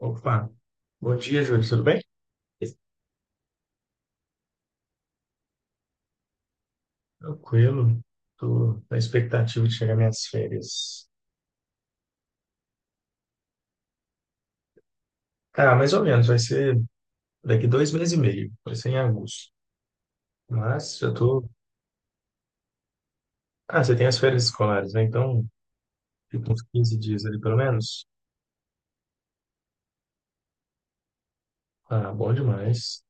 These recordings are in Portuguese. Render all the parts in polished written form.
Opa, bom dia, Júlio, tudo bem? Tranquilo, tô na expectativa de chegar minhas férias. Cara, mais ou menos, vai ser daqui dois meses e meio, vai ser em agosto. Mas já tô. Ah, você tem as férias escolares, né? Então, fica uns 15 dias ali pelo menos. Ah, bom demais.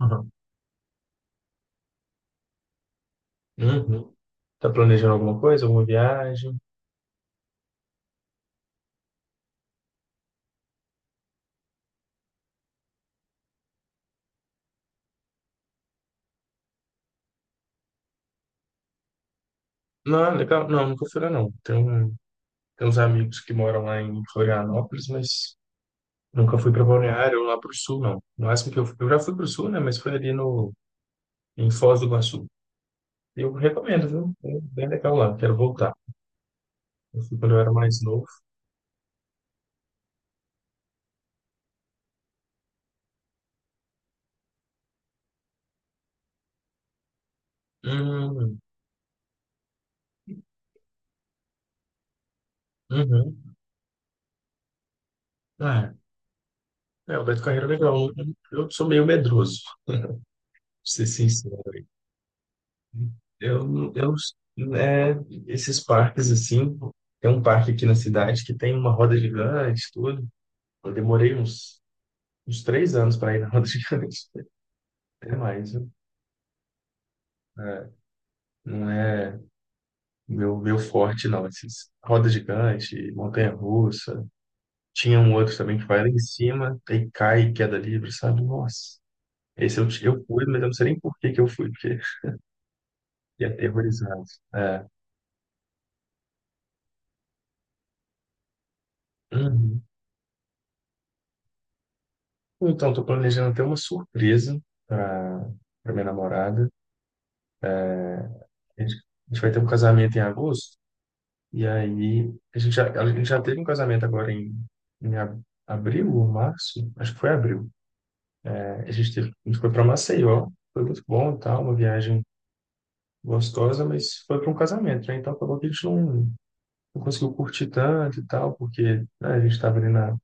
Uhum. Uhum. Tá planejando alguma coisa, alguma viagem? Não, legal, não, nunca fui lá não. Tem uns amigos que moram lá em Florianópolis, mas nunca fui para Balneário ou lá para o sul, não. No máximo que eu fui, eu já fui para o sul, né? Mas foi ali no, em Foz do Iguaçu. Eu recomendo, viu? É bem legal lá, quero voltar. Eu fui quando eu era mais novo. Hum, uhum. Ah, é, o Beto Carreiro é legal. Eu sou meio medroso, pra ser sincero. Eu, eu, né, esses parques assim, tem um parque aqui na cidade que tem uma roda gigante, tudo. Eu demorei uns, uns 3 anos para ir na roda gigante, até mais, viu? É, não é. Meu forte não, esses roda gigante, montanha-russa. Tinha um outro também que vai lá em cima e cai, e queda livre, sabe? Nossa. Esse eu fui, mas eu não sei nem por que que eu fui, porque fiquei aterrorizado. É. Uhum. Então, estou planejando até uma surpresa para para minha namorada. A gente, a gente vai ter um casamento em agosto, e aí a gente já teve um casamento agora em abril ou março? Acho que foi abril. A gente foi para Maceió, foi muito bom e tal, uma viagem gostosa, mas foi para um casamento, né? Então acabou que a gente não, não conseguiu curtir tanto e tal, porque né, a gente estava ali na.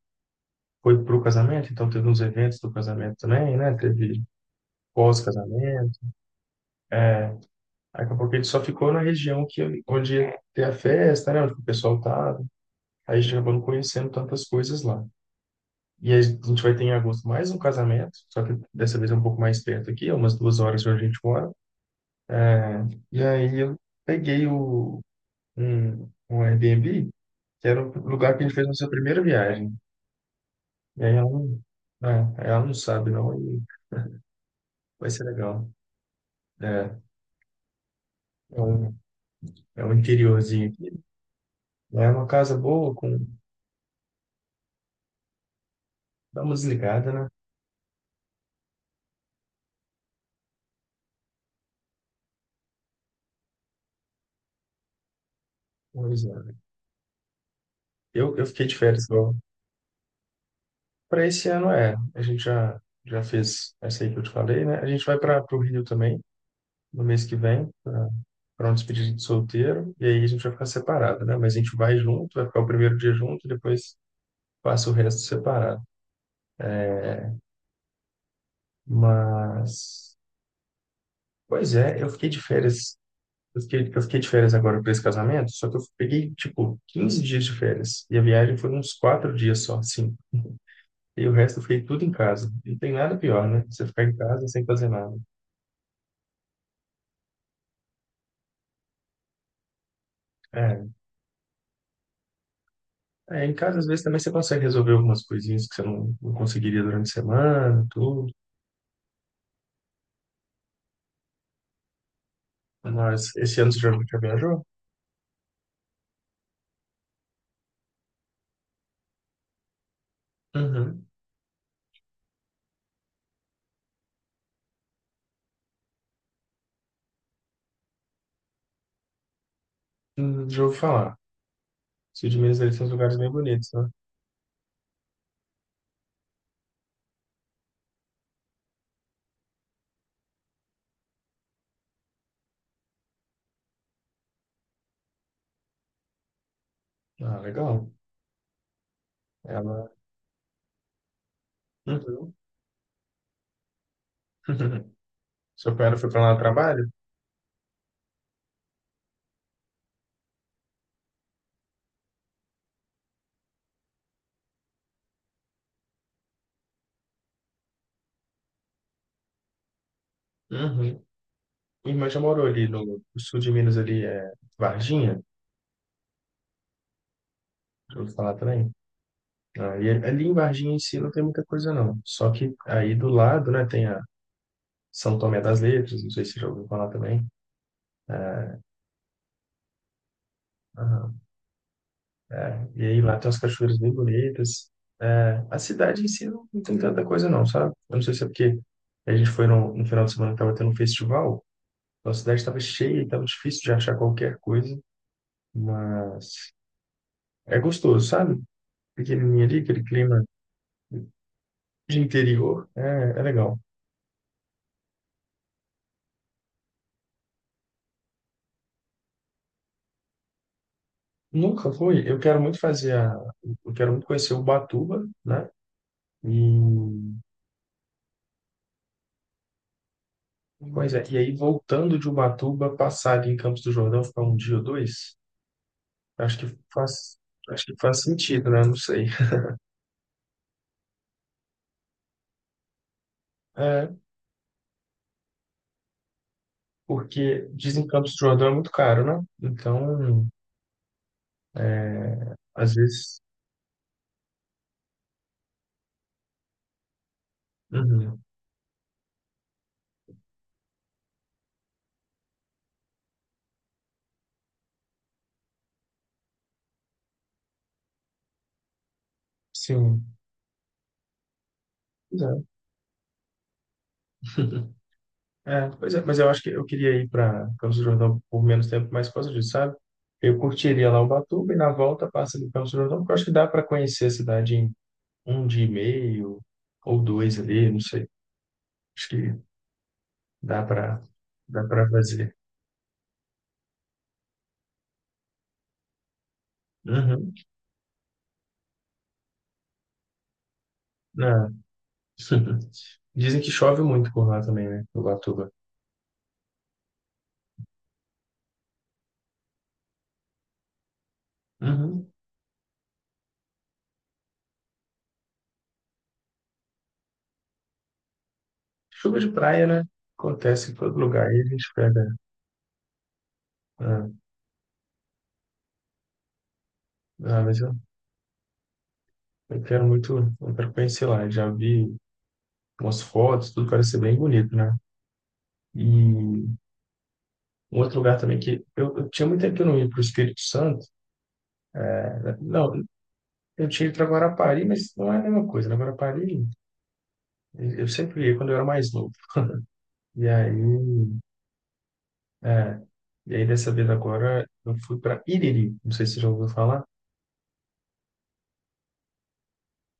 Foi pro casamento, então teve uns eventos do casamento também, né? Teve pós-casamento. Aí acabou que a gente só ficou na região que, onde ia ter a festa, né? Onde o pessoal tava. Aí a gente acabou não conhecendo tantas coisas lá. E aí a gente vai ter em agosto mais um casamento, só que dessa vez é um pouco mais perto aqui, é umas 2 horas de onde a gente mora. É, e aí eu peguei um Airbnb que era o lugar que a gente fez nossa primeira viagem. E aí ela não, né, aí ela não sabe, não, e vai ser legal. É, é um, é um interiorzinho aqui. Né, é uma casa boa, com, dá uma desligada, né? Uma desligada. Eu fiquei de férias igual. Para esse ano é. Já fez essa aí que eu te falei, né? A gente vai para o Rio também, no mês que vem, para um despedida de solteiro. E aí a gente vai ficar separado, né? Mas a gente vai junto, vai ficar o primeiro dia junto, depois passa o resto separado. Mas. Pois é, eu fiquei de férias. Eu fiquei de férias agora para esse casamento, só que eu peguei, tipo, 15 dias de férias. E a viagem foi uns 4 dias só, assim. E o resto eu fiquei tudo em casa. Não tem nada pior, né? Você ficar em casa sem fazer nada. É, é, em casa às vezes também você consegue resolver algumas coisinhas que você não, não conseguiria durante a semana, tudo. Mas esse ano você já, já viajou? Uhum. Já ouvi falar. Sul de Minas, eles têm uns lugares bem bonitos, né? Ah, legal. Ela... Uhum. Seu pai foi para lá no trabalho? Uhum. Minha irmã já morou ali no sul de Minas, ali é Varginha, já ouvi falar também. Aí, ali em Varginha em si não tem muita coisa não. Só que aí do lado, né, tem a São Tomé das Letras, não sei se você já ouviu falar também. Aham. E aí lá tem umas cachoeiras bem bonitas. É, a cidade em si não tem tanta coisa não, sabe? Eu não sei se é porque a gente foi no final de semana que tava tendo um festival, então a cidade estava cheia e estava difícil de achar qualquer coisa, mas é gostoso, sabe? Pequenininha ali, aquele clima de interior é legal. Nunca fui. Eu quero muito fazer a. Eu quero muito conhecer Ubatuba, né? E, pois é, e aí voltando de Ubatuba, passar ali em Campos do Jordão, ficar um dia ou dois, acho que faz, acho que faz sentido, né? Não sei. É, porque dizem que Campos do Jordão é muito caro, né? Então, é, às vezes. Uhum, sim. É, pois é, mas eu acho que eu queria ir para Campos do Jordão por menos tempo, mas por causa disso, sabe? Eu curtiria lá Ubatuba e na volta passa ali Campos do Jordão, porque eu acho que dá para conhecer a cidade em um dia e meio ou dois ali, não sei. Acho que dá para dá para fazer. Uhum. Não. Dizem que chove muito por lá também, né? Ubatuba. Uhum. Chuva de praia, né? Acontece em todo lugar. Aí a gente pega. Ah, ah, mas eu, eu quero muito, eu quero conhecer lá. Já vi umas fotos, tudo parece ser bem bonito, né? E um outro lugar também que eu tinha muito tempo que eu não ia para o Espírito Santo. Né? Não, eu tinha ido para Guarapari, mas não é a mesma coisa. Na Guarapari, eu sempre ia quando eu era mais novo. E aí, é, e aí dessa vez agora, eu fui para Iriri. Não sei se você já ouviu falar,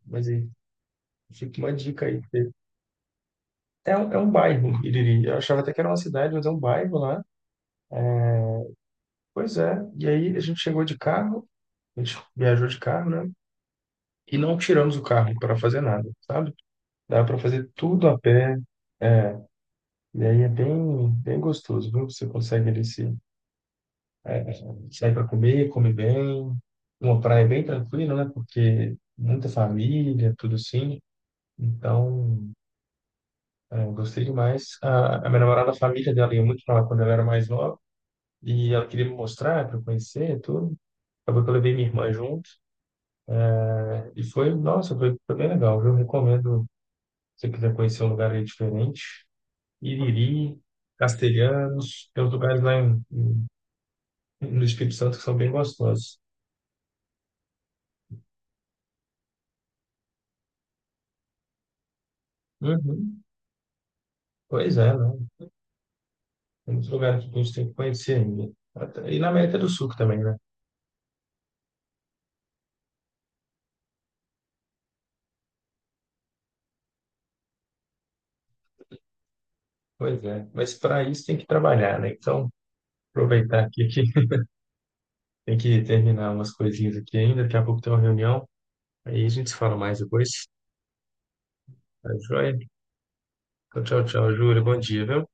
mas aí fica uma dica aí. Porque é, é um bairro, Iriri. Eu achava até que era uma cidade, mas é um bairro lá. Pois é. E aí a gente chegou de carro, a gente viajou de carro, né? E não tiramos o carro para fazer nada, sabe? Dá para fazer tudo a pé. É, e aí é bem gostoso, viu? Você consegue ali se sair para comer, comer bem. Uma praia bem tranquila, né? Porque muita família, tudo assim. Então, é, eu gostei demais. A minha namorada, a família dela ia muito para lá quando ela era mais nova. E ela queria me mostrar para eu conhecer tudo. Acabou que eu levei minha irmã junto. E foi bem legal, viu? Recomendo, se você quiser conhecer um lugar aí diferente. Iriri, Castelhanos, tem uns lugares lá no Espírito Santo que são bem gostosos. Uhum. Pois é, né? Tem muitos lugares que a gente tem que conhecer ainda. Até- E na América do Sul também, né? Pois é. Mas para isso tem que trabalhar, né? Então, aproveitar aqui que tem que terminar umas coisinhas aqui ainda. Daqui a pouco tem uma reunião. Aí a gente se fala mais depois. Tá joia? Então, tchau, tchau, Júlia. Bom dia, viu?